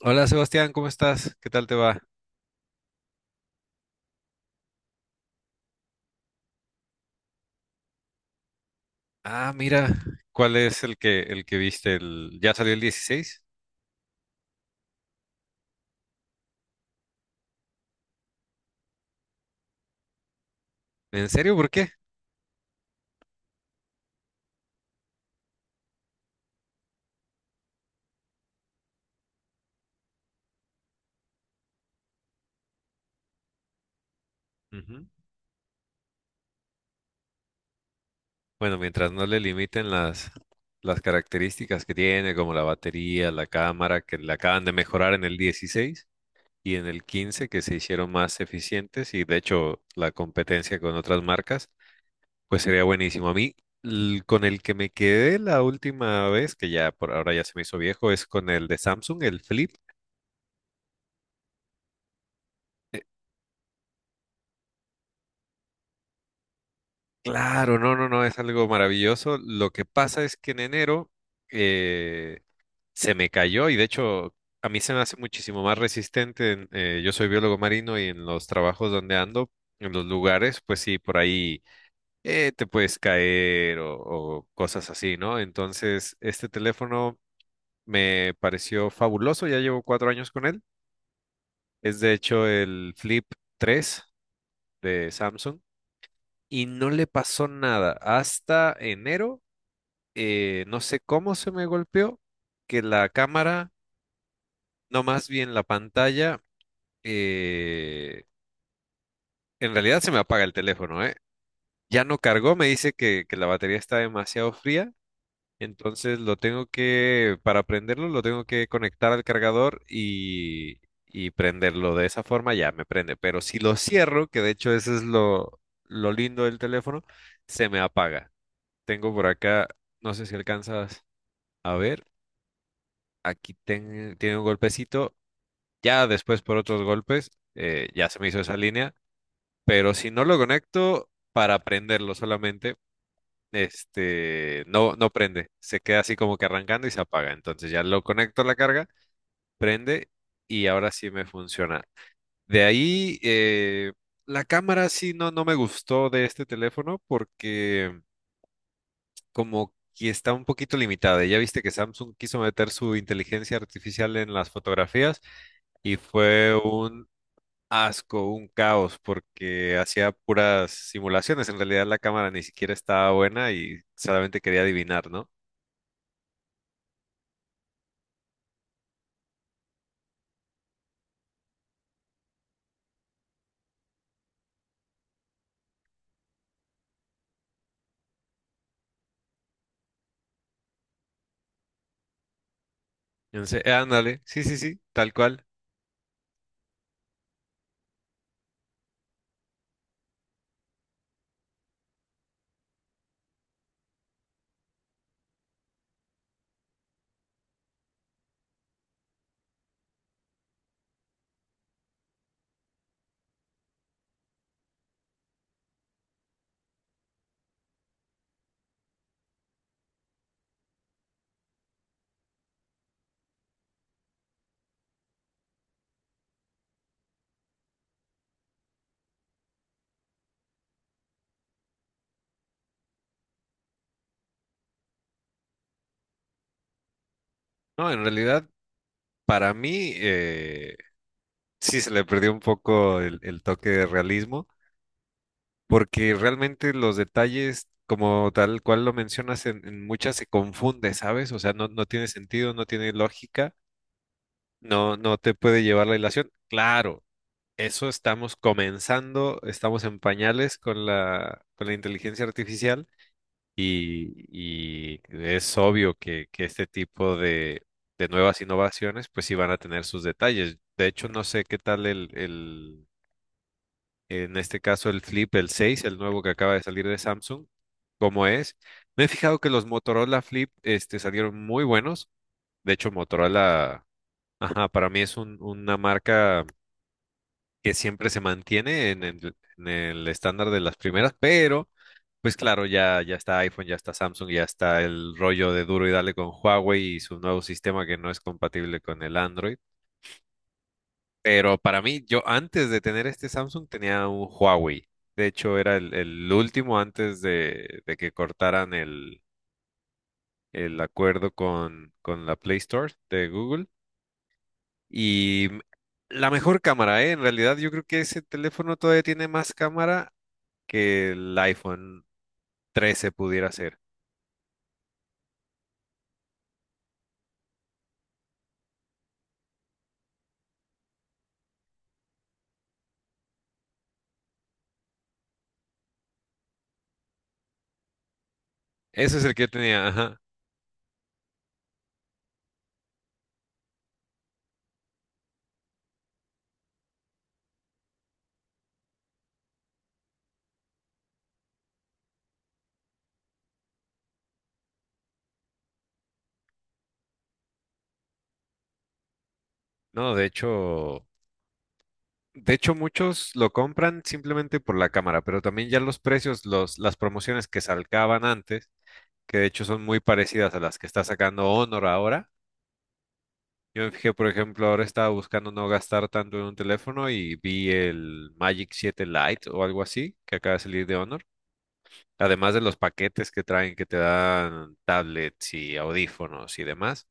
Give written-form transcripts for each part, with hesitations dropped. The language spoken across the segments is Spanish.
Hola Sebastián, ¿cómo estás? ¿Qué tal te va? Ah, mira, ¿cuál es el que viste? ¿Ya salió el 16? ¿En serio? ¿Por qué? Ujú. Bueno, mientras no le limiten las características que tiene, como la batería, la cámara, que le acaban de mejorar en el 16 y en el 15, que se hicieron más eficientes y de hecho la competencia con otras marcas, pues sería buenísimo. A mí, con el que me quedé la última vez, que ya por ahora ya se me hizo viejo, es con el de Samsung, el Flip. Claro, no, no, no, es algo maravilloso. Lo que pasa es que en enero eh, se me cayó y de hecho a mí se me hace muchísimo más resistente. Yo soy biólogo marino y en los trabajos donde ando, en los lugares, pues sí, por ahí te puedes caer o cosas así, ¿no? Entonces, este teléfono me pareció fabuloso, ya llevo 4 años con él. Es de hecho el Flip 3 de Samsung y no le pasó nada hasta enero, no sé cómo se me golpeó, que la cámara, no, más bien la pantalla, eh, en realidad se me apaga el teléfono, ¿eh? Ya no cargó, me dice que la batería está demasiado fría, entonces para prenderlo, lo tengo que conectar al cargador y prenderlo. De esa forma ya me prende, pero si lo cierro, que de hecho eso es lo lindo del teléfono, se me apaga. Tengo por acá, no sé si alcanzas a ver. Aquí tiene un golpecito, ya después por otros golpes, ya se me hizo esa línea, pero si no lo conecto para prenderlo solamente, este, no prende, se queda así como que arrancando y se apaga, entonces ya lo conecto a la carga, prende y ahora sí me funciona. De ahí, la cámara sí no me gustó de este teléfono, como que está un poquito limitada. Ya viste que Samsung quiso meter su inteligencia artificial en las fotografías y fue un asco, un caos, porque hacía puras simulaciones. En realidad la cámara ni siquiera estaba buena y solamente quería adivinar, ¿no? Entonces, ándale, sí, sí, sí, tal cual. No, en realidad, para mí, sí se le perdió un poco el toque de realismo. Porque realmente los detalles, como tal cual lo mencionas, en muchas se confunde, ¿sabes? O sea, no, no tiene sentido, no tiene lógica, no, no te puede llevar la ilación. Claro, eso estamos comenzando, estamos en pañales con con la inteligencia artificial y es obvio que este tipo de nuevas innovaciones, pues sí van a tener sus detalles. De hecho, no sé qué tal el, en este caso, el Flip, el 6, el nuevo que acaba de salir de Samsung, como es. Me he fijado que los Motorola Flip este, salieron muy buenos. De hecho, Motorola, ajá, para mí es una marca que siempre se mantiene en en el estándar de las primeras, pero pues claro, ya, ya está iPhone, ya está Samsung, ya está el rollo de duro y dale con Huawei y su nuevo sistema que no es compatible con el Android. Pero para mí, yo antes de tener este Samsung tenía un Huawei. De hecho, era el último antes de que cortaran el acuerdo con la Play Store de Google. Y m- la mejor cámara, ¿eh? En realidad, yo creo que ese teléfono todavía tiene más cámara que el iPhone 13 pudiera ser. Ese es el que yo tenía, ajá. No, de hecho, muchos lo compran simplemente por la cámara, pero también ya los precios, los, las promociones que salcaban antes, que de hecho son muy parecidas a las que está sacando Honor ahora. Yo me fijé, por ejemplo, ahora estaba buscando no gastar tanto en un teléfono y vi el Magic 7 Lite o algo así que acaba de salir de Honor. Además de los paquetes que traen que te dan tablets y audífonos y demás,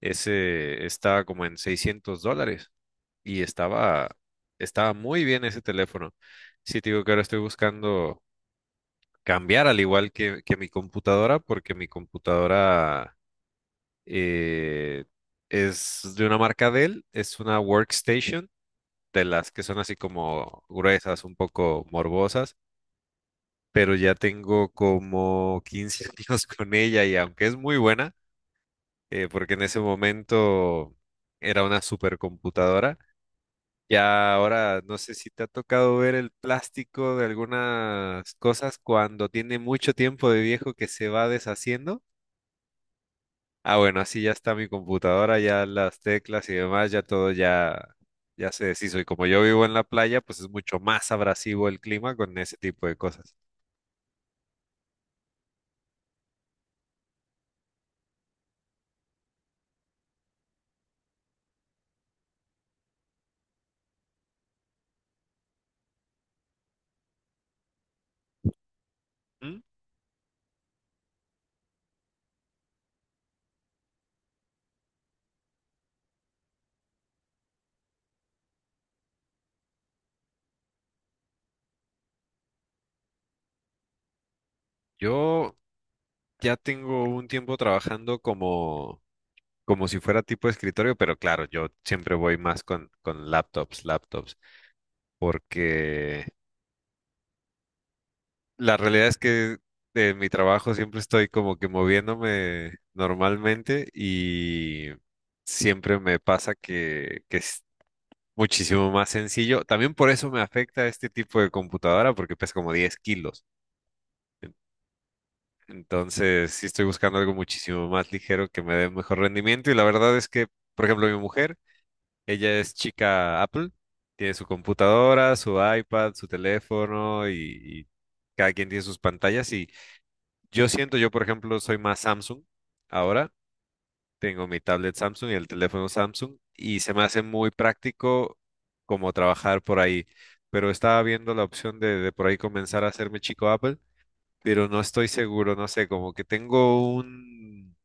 ese estaba como en 600 dólares y estaba, estaba muy bien ese teléfono. Sí, te digo que ahora estoy buscando cambiar al igual que mi computadora porque mi computadora, eh, es de una marca Dell, es una workstation de las que son así como gruesas, un poco morbosas, pero ya tengo como 15 años con ella y aunque es muy buena, porque en ese momento era una supercomputadora, ya ahora no sé si te ha tocado ver el plástico de algunas cosas cuando tiene mucho tiempo de viejo que se va deshaciendo. Ah, bueno, así ya está mi computadora, ya las teclas y demás, ya todo ya, ya se deshizo. Y como yo vivo en la playa, pues es mucho más abrasivo el clima con ese tipo de cosas. ¿Mm? Yo ya tengo un tiempo trabajando como, como si fuera tipo de escritorio, pero claro, yo siempre voy más con laptops, laptops, porque la realidad es que en mi trabajo siempre estoy como que moviéndome normalmente y siempre me pasa que muchísimo más sencillo. También por eso me afecta este tipo de computadora porque pesa como 10 kilos. Entonces, sí estoy buscando algo muchísimo más ligero que me dé mejor rendimiento. Y la verdad es que, por ejemplo, mi mujer, ella es chica Apple, tiene su computadora, su iPad, su teléfono y cada quien tiene sus pantallas. Y yo siento, yo por ejemplo, soy más Samsung ahora. Tengo mi tablet Samsung y el teléfono Samsung y se me hace muy práctico como trabajar por ahí. Pero estaba viendo la opción de por ahí comenzar a hacerme chico Apple, pero no estoy seguro, no sé, como que tengo un,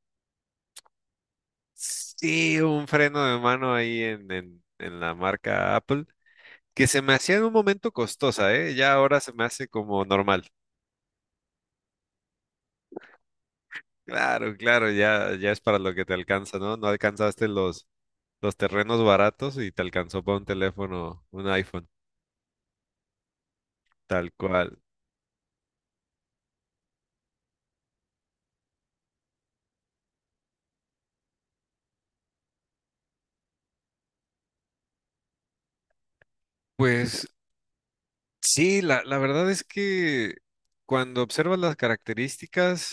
sí, un freno de mano ahí en la marca Apple, que se me hacía en un momento costosa, ¿eh? Ya ahora se me hace como normal. Claro, claro, ya, ya es para lo que te alcanza, ¿no? No alcanzaste los terrenos baratos y te alcanzó para un teléfono, un iPhone. Tal cual. Pues sí, la verdad es que cuando observas las características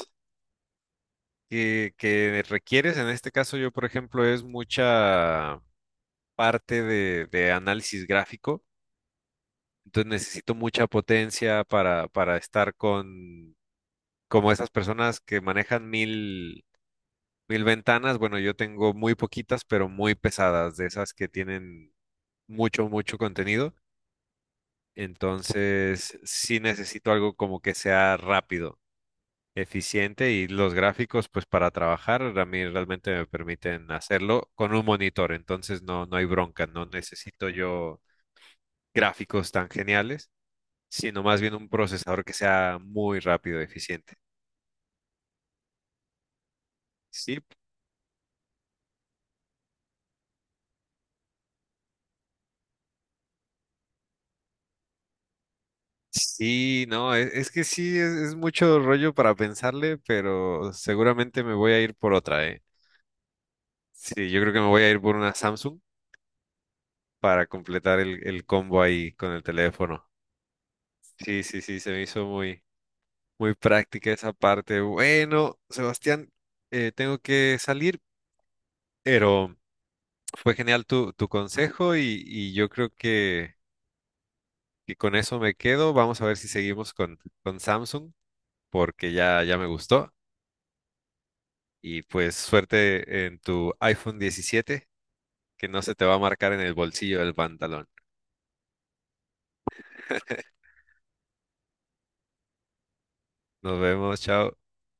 que requieres, en este caso yo, por ejemplo, es mucha parte de análisis gráfico, entonces necesito mucha potencia para estar con como esas personas que manejan mil ventanas, bueno, yo tengo muy poquitas, pero muy pesadas, de esas que tienen mucho, mucho contenido. Entonces, sí necesito algo como que sea rápido, eficiente y los gráficos, pues para trabajar, a mí realmente me permiten hacerlo con un monitor. Entonces, no, no hay bronca, no necesito yo gráficos tan geniales, sino más bien un procesador que sea muy rápido, eficiente. Sí, sí, no, es que sí, es mucho rollo para pensarle, pero seguramente me voy a ir por otra, ¿eh? Sí, yo creo que me voy a ir por una Samsung para completar el combo ahí con el teléfono. Sí, sí, sí, se me hizo muy, muy práctica esa parte. Bueno, Sebastián, tengo que salir, pero fue genial tu, tu consejo y yo creo que con eso me quedo. Vamos a ver si seguimos con Samsung, porque ya, ya me gustó. Y pues suerte en tu iPhone 17, que no se te va a marcar en el bolsillo del pantalón. Nos vemos, chao.